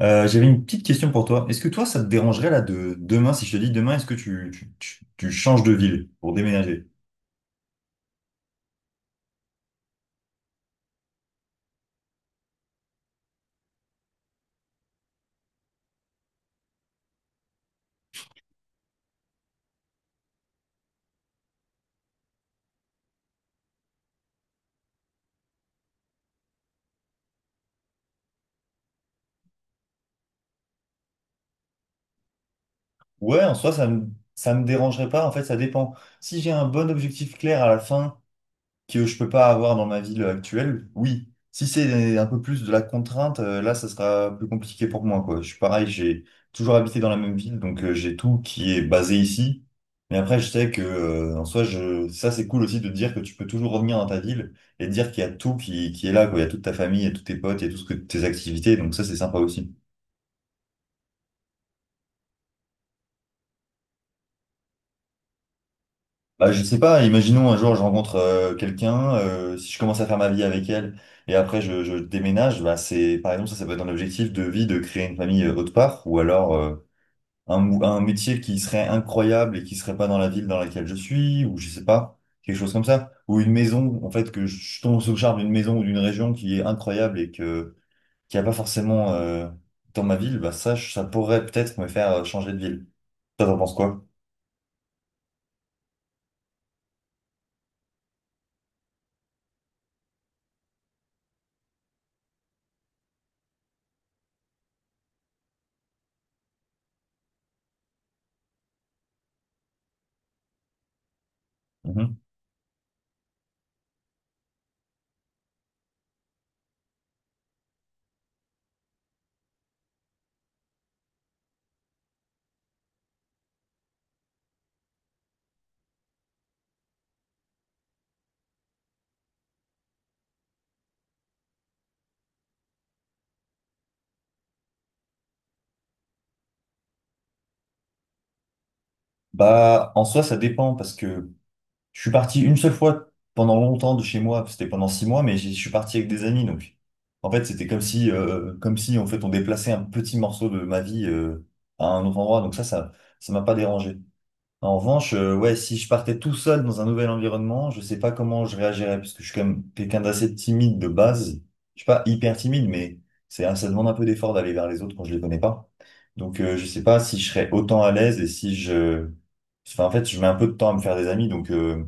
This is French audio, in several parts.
J'avais une petite question pour toi. Est-ce que toi, ça te dérangerait là de demain, si je te dis demain, est-ce que tu changes de ville pour déménager? Ouais, en soi, ça me dérangerait pas. En fait, ça dépend. Si j'ai un bon objectif clair à la fin que je peux pas avoir dans ma ville actuelle, oui. Si c'est un peu plus de la contrainte, là, ça sera plus compliqué pour moi, quoi. Je suis pareil, j'ai toujours habité dans la même ville, donc j'ai tout qui est basé ici. Mais après, je sais que, en soi, je... ça, c'est cool aussi de dire que tu peux toujours revenir dans ta ville et de dire qu'il y a tout qui est là, quoi. Il y a toute ta famille, il y a tous tes potes, il y a tout ce que tes activités, donc ça, c'est sympa aussi. Bah, je sais pas, imaginons un jour je rencontre quelqu'un, si je commence à faire ma vie avec elle et après je déménage, bah c'est par exemple ça, ça peut être un objectif de vie de créer une famille autre part ou alors un métier qui serait incroyable et qui serait pas dans la ville dans laquelle je suis ou je sais pas, quelque chose comme ça ou une maison en fait que je tombe sous le charme d'une maison ou d'une région qui est incroyable et que qui a pas forcément dans ma ville, bah ça pourrait peut-être me faire changer de ville. Toi t'en penses quoi? Mhm. Bah, en soi, ça dépend parce que je suis parti une seule fois pendant longtemps de chez moi, c'était pendant 6 mois, mais je suis parti avec des amis, donc en fait c'était comme si en fait on déplaçait un petit morceau de ma vie à un autre endroit, donc ça m'a pas dérangé. En revanche, ouais, si je partais tout seul dans un nouvel environnement, je sais pas comment je réagirais, parce que je suis quand même quelqu'un d'assez timide de base. Je suis pas hyper timide, mais ça demande un peu d'effort d'aller vers les autres quand je les connais pas. Donc je sais pas si je serais autant à l'aise et si enfin, en fait, je mets un peu de temps à me faire des amis, donc.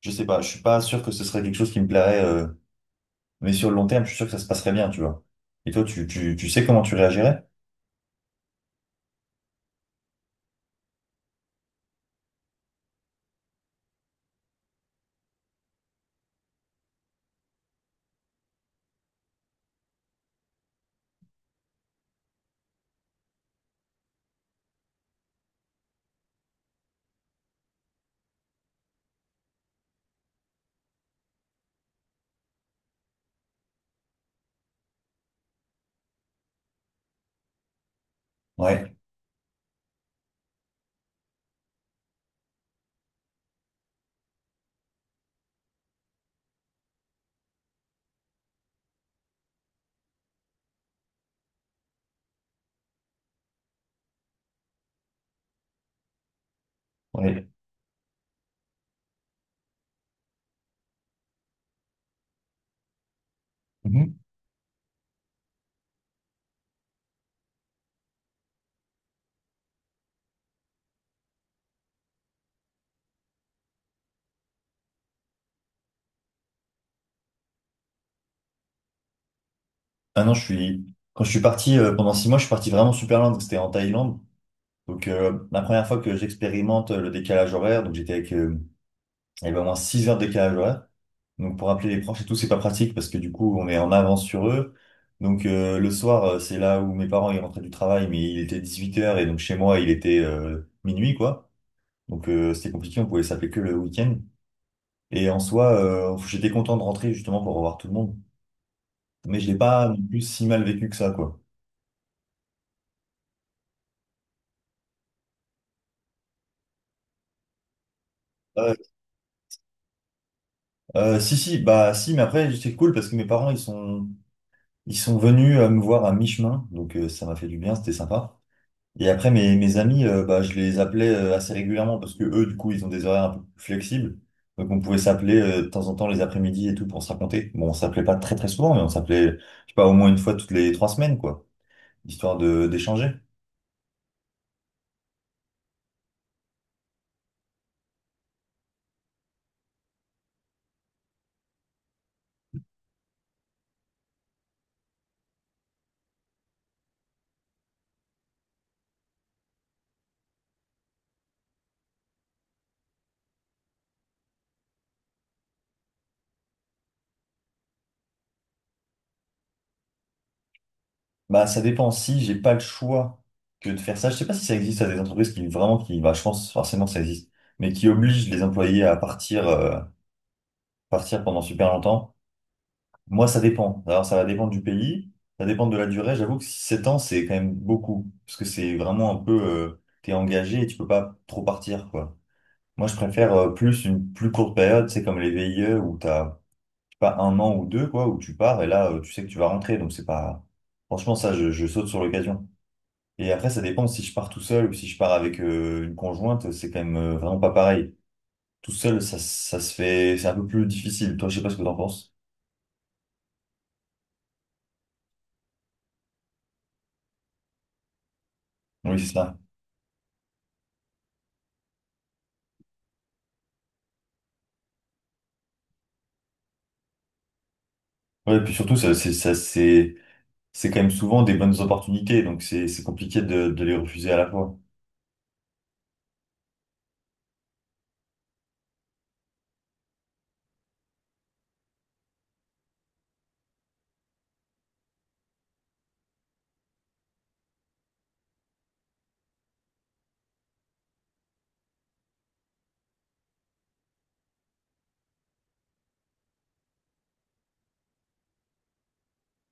Je sais pas, je suis pas sûr que ce serait quelque chose qui me plairait, mais sur le long terme, je suis sûr que ça se passerait bien, tu vois. Et toi, tu sais comment tu réagirais? Ouais, ouais. Mhm. Ah non, quand je suis parti, pendant 6 mois, je suis parti vraiment super loin, donc c'était en Thaïlande. Donc, la première fois que j'expérimente le décalage horaire, donc j'étais avec, il y avait au moins 6 heures de décalage horaire. Donc, pour appeler les proches et tout, c'est pas pratique parce que du coup, on est en avance sur eux. Donc, le soir, c'est là où mes parents, ils rentraient du travail, mais il était 18h et donc chez moi, il était, minuit, quoi. Donc c'était compliqué, on pouvait s'appeler que le week-end. Et en soi, j'étais content de rentrer justement pour revoir tout le monde. Mais je l'ai pas non plus si mal vécu que ça, quoi. Euh, Si, si, bah si, mais après, c'était cool parce que mes parents, ils sont venus me voir à mi-chemin, donc ça m'a fait du bien, c'était sympa. Et après, mes amis, bah, je les appelais assez régulièrement parce que eux, du coup, ils ont des horaires un peu plus flexibles. Donc on pouvait s'appeler de temps en temps les après-midi et tout pour se raconter. Bon, on s'appelait pas très très souvent, mais on s'appelait, je sais pas, au moins une fois toutes les 3 semaines, quoi, histoire de d'échanger. Bah, ça dépend. Si j'ai pas le choix que de faire ça, je sais pas si ça existe à des entreprises qui vraiment, qui, bah, je pense forcément que ça existe, mais qui obligent les employés à partir, partir pendant super longtemps. Moi, ça dépend. Alors, ça va dépendre du pays, ça dépend de la durée. J'avoue que 7 ans, c'est quand même beaucoup, parce que c'est vraiment un peu, t'es engagé et tu peux pas trop partir, quoi. Moi, je préfère, plus une plus courte période, c'est comme les VIE où t'as, je sais pas 1 an ou 2, quoi, où tu pars et là, tu sais que tu vas rentrer, donc c'est pas, franchement, ça, je saute sur l'occasion. Et après, ça dépend si je pars tout seul ou si je pars avec une conjointe, c'est quand même vraiment pas pareil. Tout seul, ça se fait, c'est un peu plus difficile. Toi, je sais pas ce que t'en penses. Oui, c'est ça. Ouais, et puis surtout, c'est quand même souvent des bonnes opportunités, donc c'est compliqué de les refuser à la fois.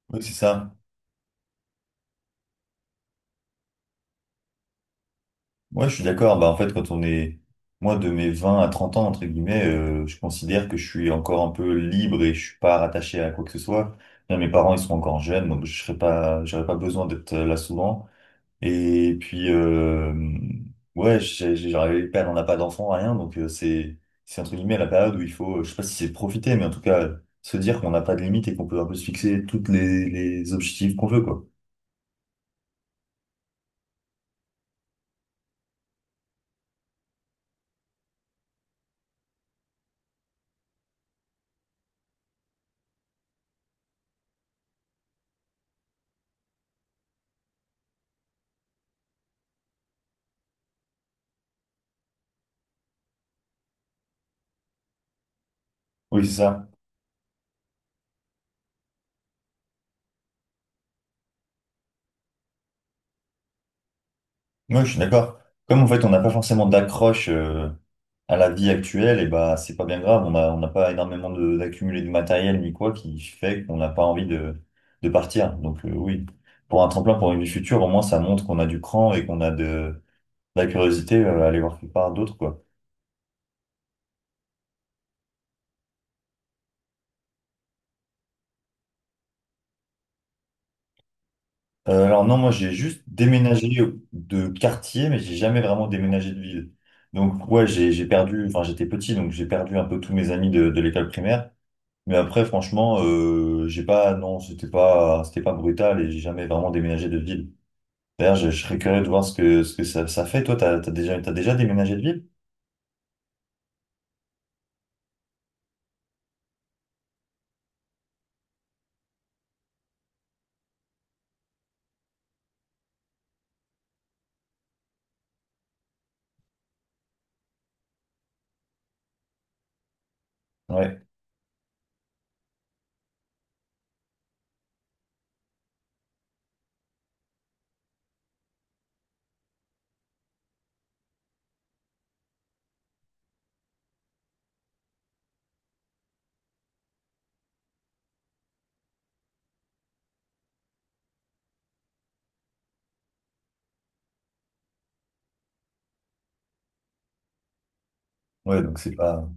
Oui, c'est ça. Ouais, je suis d'accord. Bah, en fait, moi, de mes 20 à 30 ans, entre guillemets, je considère que je suis encore un peu libre et je suis pas rattaché à quoi que ce soit. Là, mes parents, ils sont encore jeunes, donc je serais pas, j'aurais pas besoin d'être là souvent. Et puis, ouais, j'arrive pas, elle en a pas d'enfant, rien, donc c'est entre guillemets la période où il faut, je sais pas si c'est profiter, mais en tout cas, se dire qu'on n'a pas de limite et qu'on peut un peu se fixer toutes les objectifs qu'on veut, quoi. Oui, c'est ça. Moi, je suis d'accord. Comme en fait, on n'a pas forcément d'accroche à la vie actuelle, et bah, c'est pas bien grave, on n'a pas énormément d'accumuler de matériel ni quoi qui fait qu'on n'a pas envie de partir. Donc, oui, pour un tremplin, pour une vie future, au moins, ça montre qu'on a du cran et qu'on a de, la curiosité, aller voir quelque part d'autre, quoi. Alors non, moi j'ai juste déménagé de quartier, mais j'ai jamais vraiment déménagé de ville. Donc ouais, j'ai perdu, enfin j'étais petit, donc j'ai perdu un peu tous mes amis de l'école primaire. Mais après, franchement, j'ai pas, non, c'était pas brutal et j'ai jamais vraiment déménagé de ville. D'ailleurs, je serais curieux de voir ce que ça, ça fait. Toi, t'as déjà déménagé de ville? Ouais, ouais, donc c'est pas.